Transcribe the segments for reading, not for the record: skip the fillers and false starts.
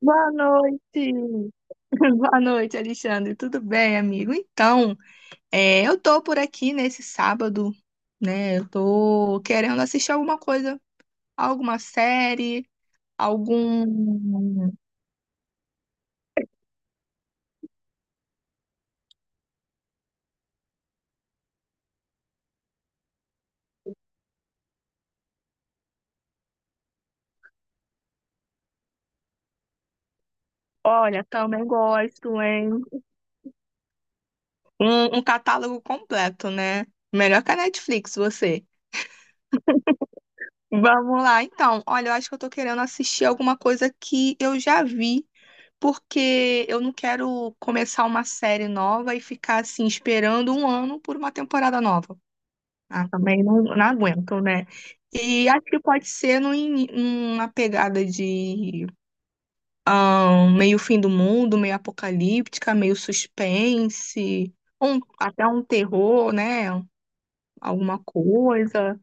Boa noite. Boa noite, Alexandre. Tudo bem, amigo? Então, eu tô por aqui nesse sábado, né? Eu tô querendo assistir alguma coisa, alguma série, algum. Olha, também gosto, hein? Um catálogo completo, né? Melhor que a Netflix, você. Vamos lá, então. Olha, eu acho que eu tô querendo assistir alguma coisa que eu já vi, porque eu não quero começar uma série nova e ficar assim esperando um ano por uma temporada nova. Ah, também não, não aguento, né? E acho que pode ser numa pegada de meio fim do mundo, meio apocalíptica, meio suspense, até um terror, né? Alguma coisa.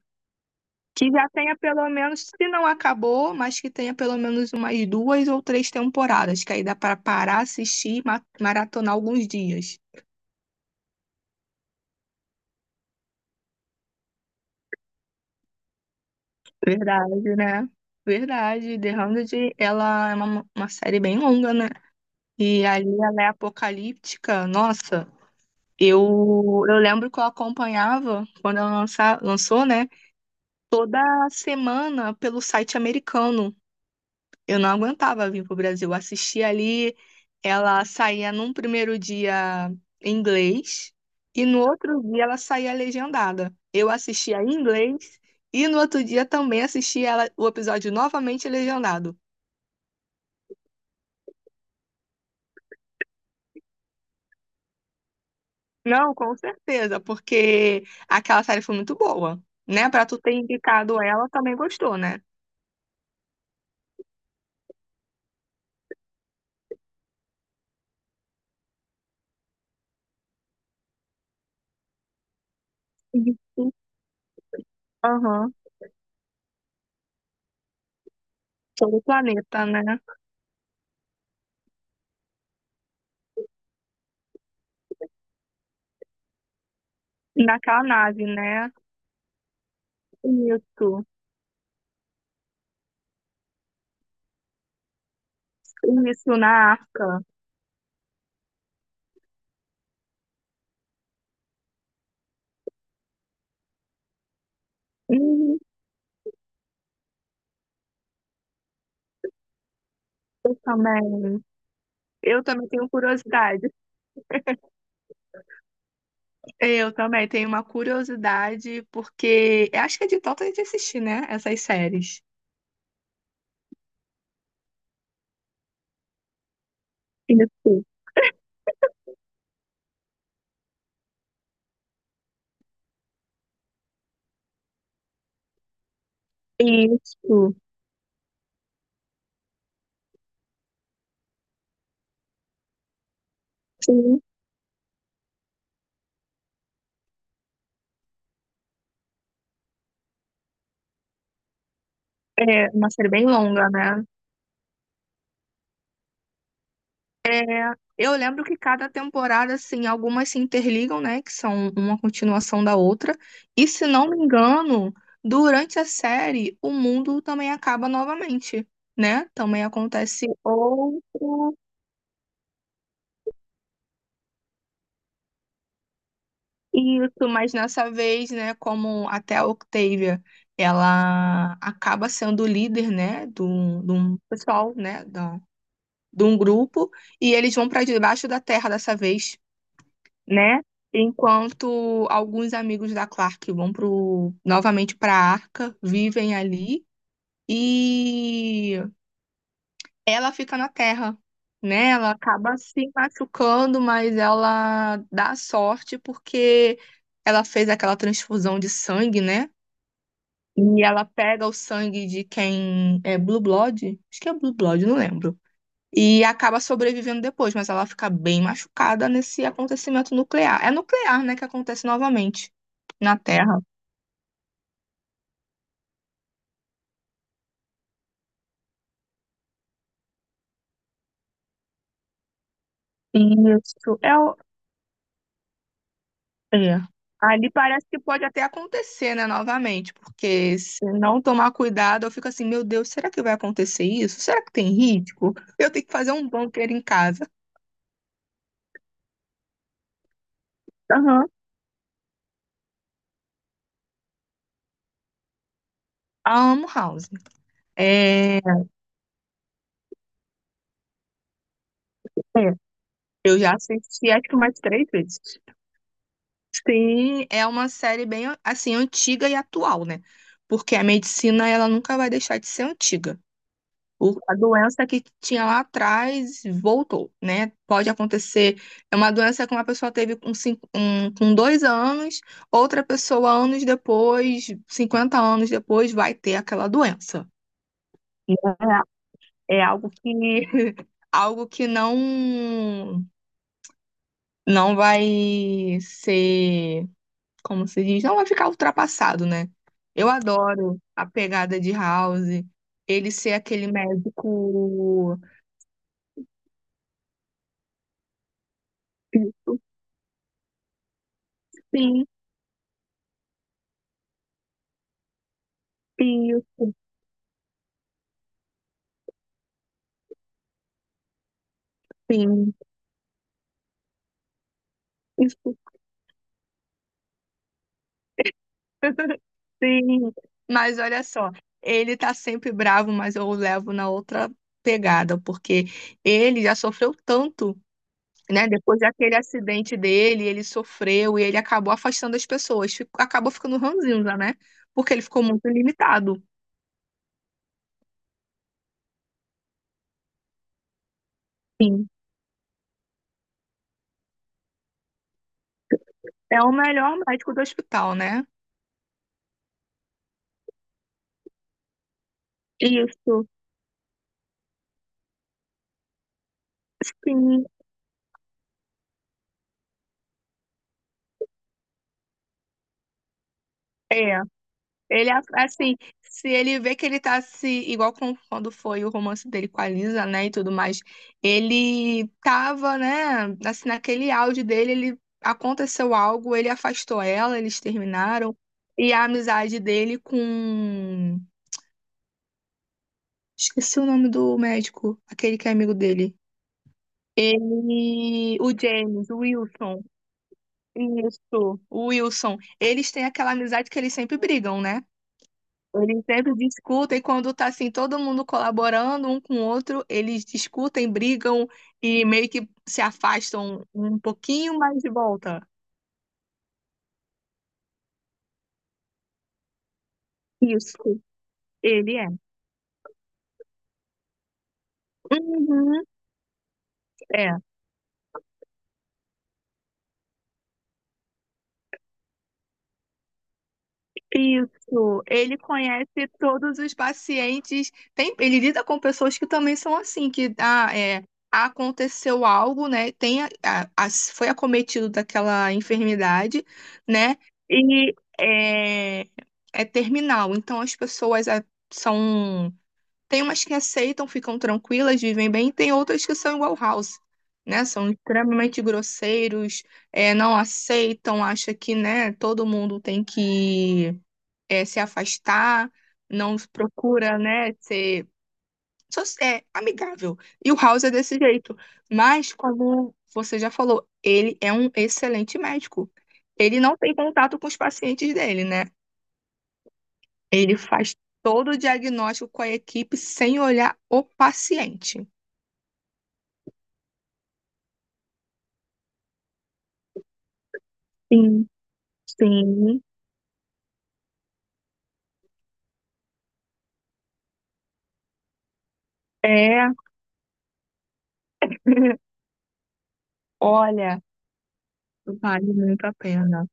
Que já tenha pelo menos, se não acabou, mas que tenha pelo menos umas duas ou três temporadas, que aí dá para parar, assistir, e maratonar alguns dias. Verdade, né? Verdade. The 100, ela é uma série bem longa, né? E ali ela é apocalíptica. Nossa, eu lembro que eu acompanhava, quando ela lançou, né? Toda semana pelo site americano. Eu não aguentava vir pro Brasil. Eu assistia ali, ela saía num primeiro dia em inglês e no outro dia ela saía legendada. Eu assistia em inglês e no outro dia também assistia ela, o episódio novamente legendado. Não, com certeza, porque aquela série foi muito boa, né? Pra tu ter indicado ela, também gostou, né? Isso. Aham. Todo o planeta, né? Naquela nave, né? Isso. Isso na Arca. Uhum. Também. Eu também tenho curiosidade. Eu também tenho uma curiosidade, porque eu acho que é de tanto a gente assistir, né? Essas séries. Isso, isso. Sim. É uma série bem longa, né? Eu lembro que cada temporada, assim, algumas se interligam, né? Que são uma continuação da outra. E se não me engano, durante a série, o mundo também acaba novamente, né? Também acontece outro. Isso, mas nessa vez, né, como até a Octavia, ela acaba sendo líder, né, de um pessoal, né, de um grupo, e eles vão para debaixo da terra dessa vez, né, enquanto alguns amigos da Clark vão novamente para a Arca, vivem ali, e ela fica na Terra, né? Ela acaba se machucando, mas ela dá sorte porque ela fez aquela transfusão de sangue, né? E ela pega o sangue de quem é Blue Blood, acho que é Blue Blood, não lembro. E acaba sobrevivendo depois, mas ela fica bem machucada nesse acontecimento nuclear. É nuclear, né, que acontece novamente na Terra. Isso. É, é. Ali parece que pode até acontecer, né, novamente, porque se não tomar cuidado, eu fico assim, meu Deus, será que vai acontecer isso? Será que tem risco? Eu tenho que fazer um bunker em casa. Aham. Amo House. É, é. Eu já assisti acho que mais três vezes. Sim, é uma série bem assim antiga e atual, né? Porque a medicina ela nunca vai deixar de ser antiga. A doença que tinha lá atrás voltou, né? Pode acontecer. É uma doença que uma pessoa teve com 2 anos, outra pessoa, anos depois, 50 anos depois, vai ter aquela doença. É algo que algo que não vai ser, como se diz, não vai ficar ultrapassado, né? Eu adoro a pegada de House, ele ser aquele médico. Sim, isso, sim. Isso. Sim. Mas olha só, ele tá sempre bravo, mas eu o levo na outra pegada, porque ele já sofreu tanto, né? Depois daquele acidente dele, ele sofreu e ele acabou afastando as pessoas, acabou ficando ranzinza, né? Porque ele ficou muito limitado. Sim. É o melhor médico do hospital, né? Isso, sim, é. Ele, assim, se ele vê que ele tá se. Igual com, quando foi o romance dele com a Lisa, né, e tudo mais. Ele tava, né, assim, naquele auge dele, ele aconteceu algo, ele afastou ela, eles terminaram. E a amizade dele com. Esqueci o nome do médico, aquele que é amigo dele. Ele. O James, o Wilson. Isso, o Wilson. Eles têm aquela amizade que eles sempre brigam, né? Eles sempre discutem quando tá assim, todo mundo colaborando um com o outro, eles discutem, brigam e meio que se afastam um pouquinho, mas de volta. Isso, ele é. Uhum, é. Isso, ele conhece todos os pacientes. Tem, ele lida com pessoas que também são assim, que aconteceu algo, né? Tem foi acometido daquela enfermidade, né? E é terminal. Então as pessoas são. Tem umas que aceitam, ficam tranquilas, vivem bem, e tem outras que são igual House, né? São extremamente grosseiros, não aceitam, acha que, né, todo mundo tem que se afastar, não procura, né, ser só é amigável. E o House é desse jeito. Mas, como você já falou, ele é um excelente médico. Ele não tem contato com os pacientes dele, né? Ele faz todo o diagnóstico com a equipe sem olhar o paciente. Sim, sim. É, olha, vale muito a pena.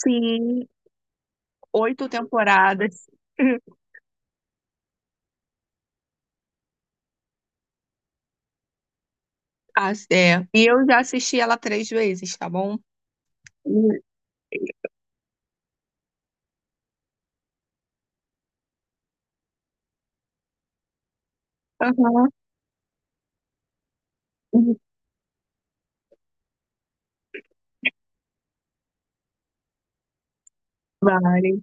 Sim, oito temporadas. Ah, e eu já assisti ela três vezes, tá bom? Hum, Aham, hum, vários.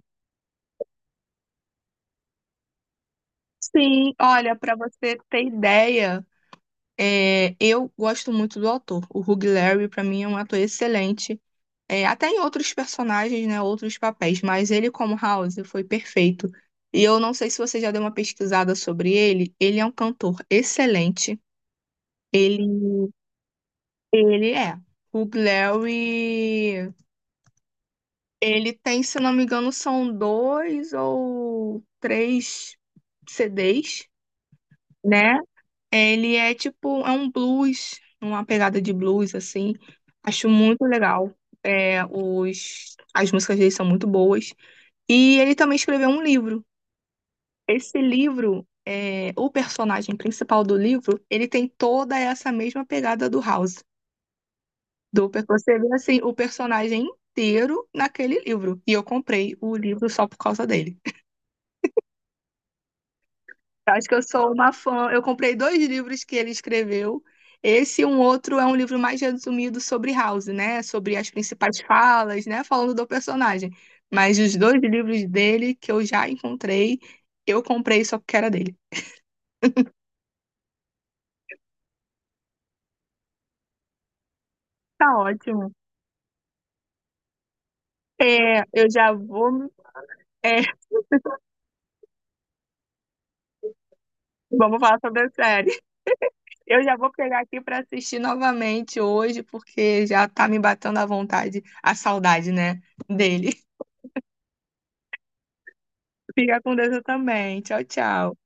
Sim, olha, para você ter ideia, eu gosto muito do ator. O Hugh Laurie, para mim, é um ator excelente. É, até em outros personagens, né, outros papéis, mas ele como House foi perfeito. E eu não sei se você já deu uma pesquisada sobre ele. Ele é um cantor excelente. Ele, ele é. Hugh Laurie, ele tem, se não me engano, são dois ou três CDs, né? Ele é tipo, é um blues, uma pegada de blues, assim. Acho muito legal. É, as músicas dele são muito boas. E ele também escreveu um livro. Esse livro, o personagem principal do livro, ele tem toda essa mesma pegada do House. Você vê, assim, o personagem inteiro naquele livro. E eu comprei o livro só por causa dele. Acho que eu sou uma fã. Eu comprei dois livros que ele escreveu. Esse e um outro é um livro mais resumido sobre House, né? Sobre as principais falas, né? Falando do personagem. Mas os dois livros dele que eu já encontrei, eu comprei só porque era dele. Tá ótimo. É, eu já vou. é, Vamos falar sobre a série. Eu já vou pegar aqui para assistir novamente hoje, porque já tá me batendo a vontade, a saudade, né? Dele. Fica com Deus eu também. Tchau, tchau.